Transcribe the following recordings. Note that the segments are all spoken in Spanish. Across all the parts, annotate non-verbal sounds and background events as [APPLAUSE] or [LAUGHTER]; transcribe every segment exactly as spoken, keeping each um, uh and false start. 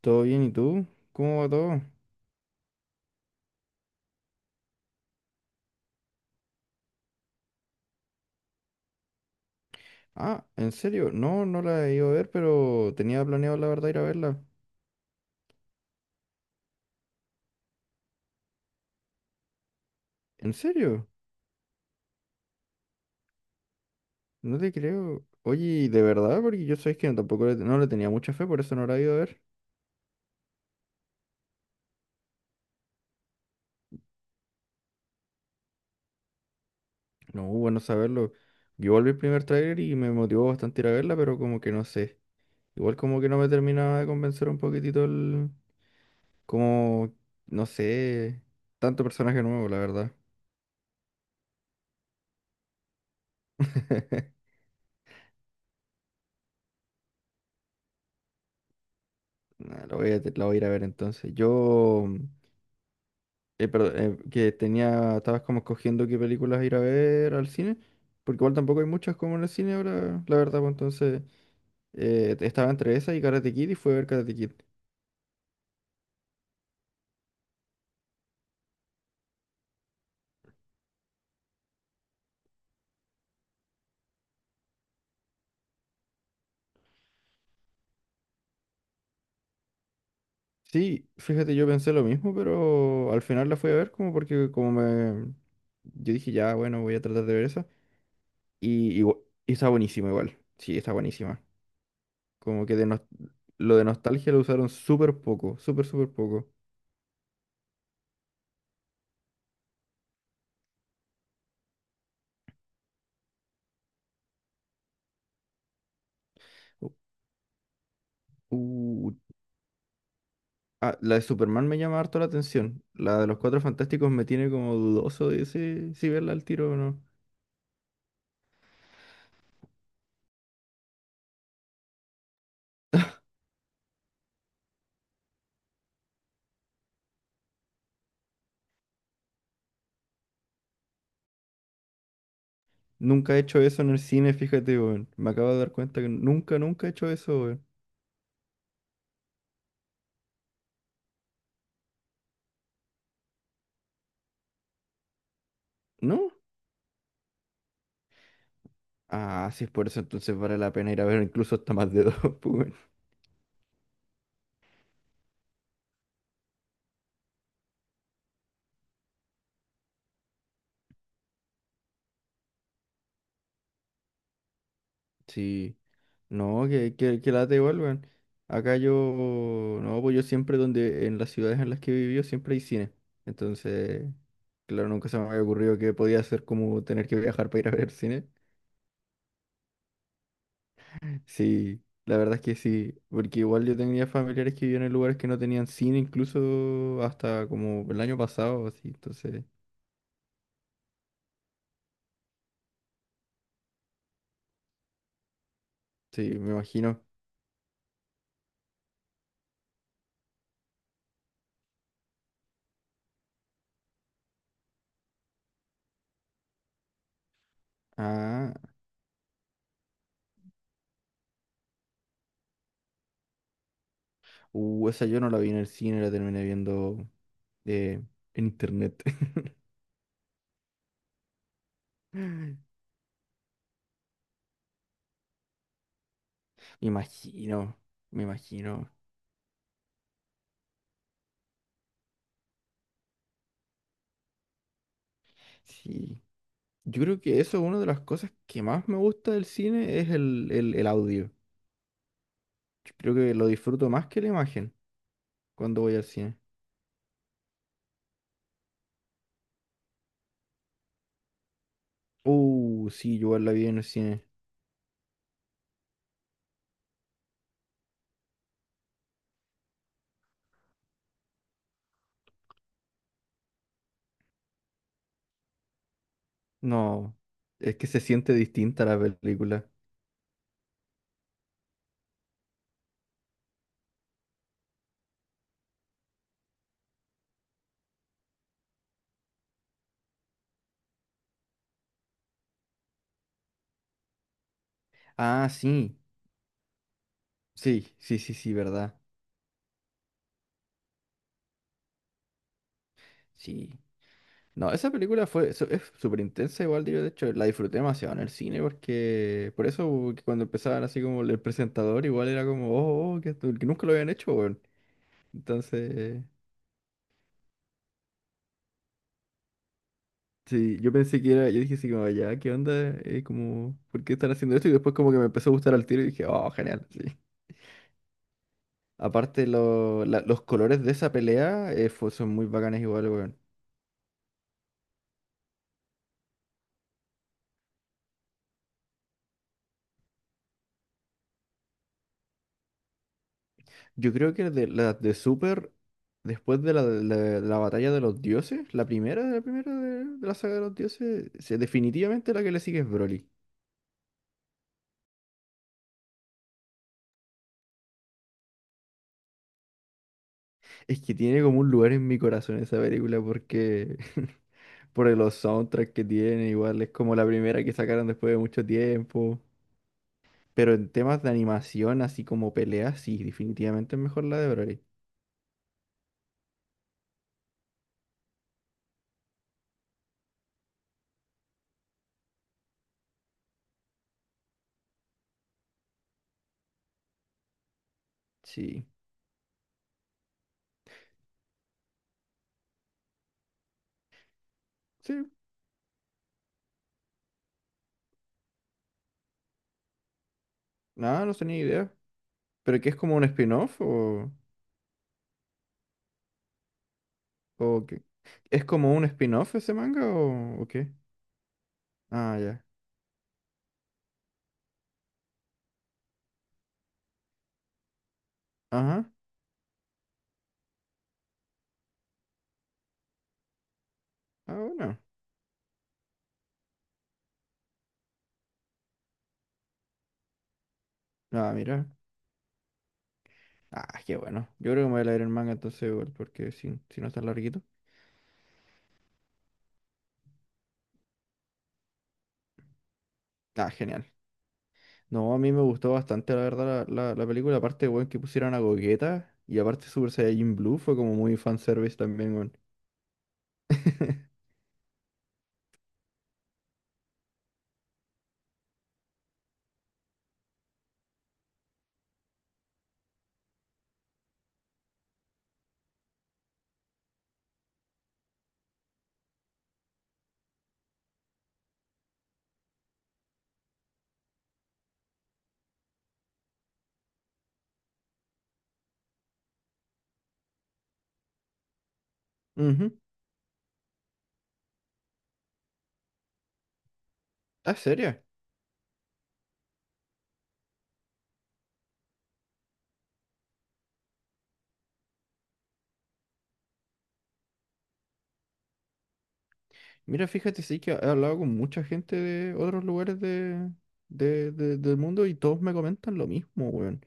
¿Todo bien? ¿Y tú? ¿Cómo va todo? Ah, ¿en serio? No, no la he ido a ver, pero tenía planeado la verdad ir a verla. ¿En serio? No te creo. Oye, ¿y ¿de verdad? Porque yo sabes que no, tampoco le, no le tenía mucha fe, por eso no la he ido a ver. No, bueno saberlo. Yo volví el primer tráiler y me motivó bastante ir a verla, pero como que no sé. Igual como que no me terminaba de convencer un poquitito el... Como, no sé, tanto personaje nuevo, la verdad. [LAUGHS] Nah, la voy a, la voy a ir a ver entonces. Yo... eh, perdón. Eh, que tenía, estabas como escogiendo qué películas ir a ver al cine, porque igual tampoco hay muchas como en el cine ahora, la verdad, pues entonces eh, estaba entre esa y Karate Kid y fue a ver Karate Kid. Sí, fíjate, yo pensé lo mismo, pero al final la fui a ver como porque como me... Yo dije, ya, bueno, voy a tratar de ver esa. Y, igu- y está buenísima igual, sí, está buenísima. Como que de nos- lo de nostalgia lo usaron súper poco, súper, súper poco. Uh, Ah, la de Superman me llama harto la atención. La de los Cuatro Fantásticos me tiene como dudoso de si, si verla al tiro o no. Nunca he hecho eso en el cine, fíjate, weón. Me acabo de dar cuenta que nunca, nunca he hecho eso, weón. ¿No? Ah, sí, es por eso entonces vale la pena ir a ver incluso hasta más de dos, [LAUGHS] pues, weón. Sí. No, que, que, que lata igual, weón. Acá yo, no, pues yo siempre donde, en las ciudades en las que he vivido siempre hay cine. Entonces, claro, nunca se me había ocurrido que podía ser como tener que viajar para ir a ver cine. Sí, la verdad es que sí, porque igual yo tenía familiares que vivían en lugares que no tenían cine, incluso hasta como el año pasado, así, entonces, sí, me imagino. Ah, uh, esa yo no la vi en el cine, la terminé viendo eh, en internet. [LAUGHS] Me imagino, me imagino, sí. Yo creo que eso es una de las cosas que más me gusta del cine, es el, el, el audio. Yo creo que lo disfruto más que la imagen cuando voy al cine. Uh, sí, yo igual la vi en el cine. No, es que se siente distinta la película. Ah, sí, sí, sí, sí, sí, verdad. Sí. No, esa película fue, su- es súper intensa igual, yo de hecho la disfruté demasiado en el cine porque, por eso que cuando empezaban así como el presentador igual era como, oh, oh, que, esto- que nunca lo habían hecho, weón. Entonces, sí, yo pensé que era, yo dije así como, ya, ¿qué onda? Eh, como, ¿por qué están haciendo esto? Y después como que me empezó a gustar al tiro y dije, oh, genial, sí. Aparte, lo- la- los colores de esa pelea eh, fue- son muy bacanes igual, weón. Yo creo que de las de Super, después de la, de la, de la batalla de los dioses, la primera la primera de, de la saga de los dioses, se- definitivamente la que le sigue es Broly. Es que tiene como un lugar en mi corazón esa película porque [LAUGHS] por los soundtracks que tiene, igual es como la primera que sacaron después de mucho tiempo. Pero en temas de animación, así como peleas, sí, definitivamente es mejor la de Broly. Sí, sí, nada, no tenía idea. ¿Pero qué es como un spin-off o...? Ok. ¿Es como un spin-off ese manga o, o qué? Ah, ya. Ajá. Ah, bueno. Ah, mira. Ah, qué bueno. Yo creo que me voy a leer el manga entonces igual, porque si, si no está larguito. Ah, genial. No, a mí me gustó bastante, la verdad, la, la, la película. Aparte, weón, que pusieran a Gogeta. Y aparte Super Saiyajin Blue fue como muy fanservice también, weón. [LAUGHS] Ujú. Ah, seria. Mira, fíjate, sí que he hablado con mucha gente de otros lugares de, de- de- del mundo y todos me comentan lo mismo, weón.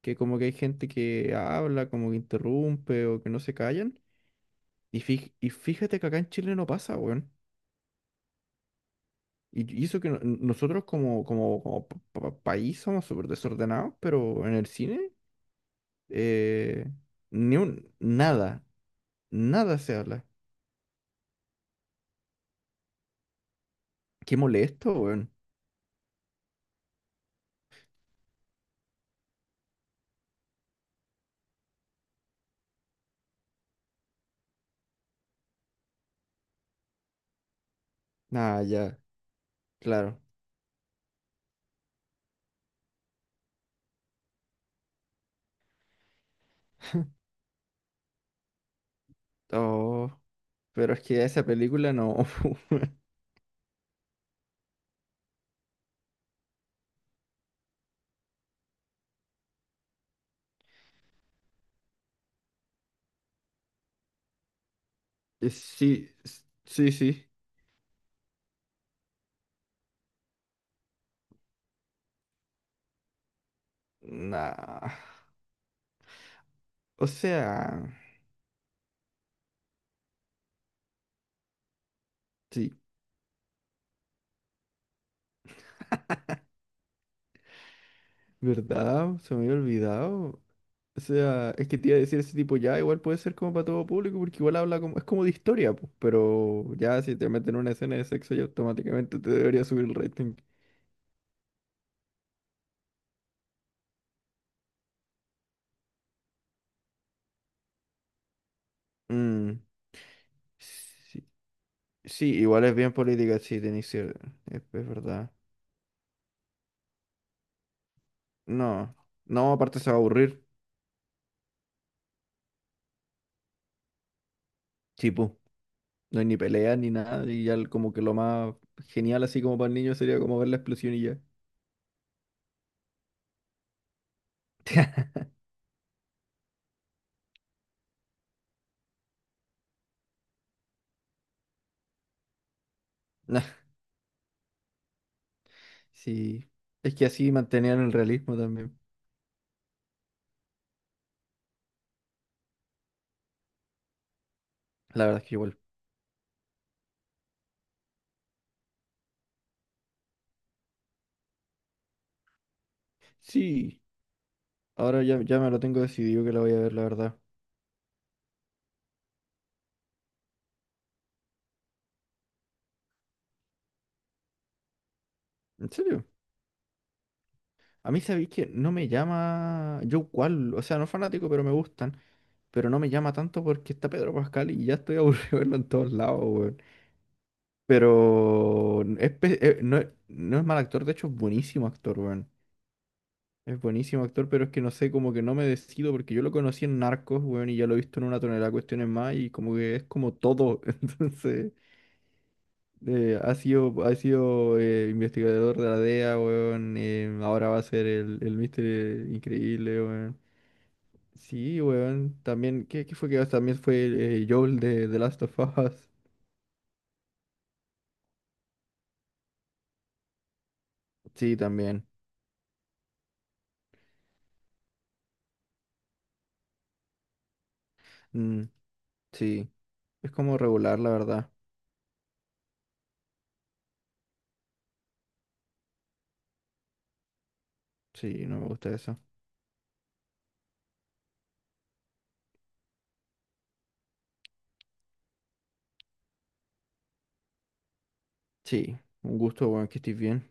Que como que hay gente que habla, como que interrumpe o que no se callan. Y, fij- y fíjate que acá en Chile no pasa, weón. Y y eso que no- nosotros como, como, como pa- pa- país somos súper desordenados, pero en el cine, eh, ni un, nada, nada se habla. Qué molesto, weón. Ah, ya, claro. Oh, pero es que esa película no. [LAUGHS] Eh, Sí, s- sí, sí. Nah. O sea, sí. ¿Verdad? Se me había olvidado. O sea, es que te iba a decir ese tipo ya, igual puede ser como para todo público, porque igual habla como, es como de historia, pues, pero ya si te meten una escena de sexo, ya automáticamente te debería subir el rating. Mm, sí, sí, igual es bien política, sí, de inicio, es, es verdad. No, no, aparte se va a aburrir, tipo, no hay ni pelea ni nada, y ya el- como que lo más genial así como para el niño sería como ver la explosión y ya. [LAUGHS] Nah, sí, es que así mantenían el realismo también. La verdad es que igual. Sí, ahora ya, ya me lo tengo decidido que la voy a ver, la verdad. ¿En serio? A mí sabéis que no me llama yo cual, o sea, no fanático, pero me gustan. Pero no me llama tanto porque está Pedro Pascal y ya estoy aburrido [LAUGHS] de verlo en todos lados, weón. Pero es pe- eh, no, es no es mal actor, de hecho es buenísimo actor, weón. Es buenísimo actor, pero es que no sé, como que no me decido porque yo lo conocí en Narcos, weón, y ya lo he visto en una tonelada de cuestiones más y como que es como todo, [LAUGHS] entonces... Eh, ha sido, ha sido eh, investigador de la D E A, weón. Eh, ahora va a ser el, el Mister Increíble, weón. Sí, weón. También, ¿qué, qué fue que también fue eh, Joel de The Last of Us? Sí, también. Mm, sí. Es como regular, la verdad. Sí, no me gusta eso. Sí, un gusto, weón, que estés bien.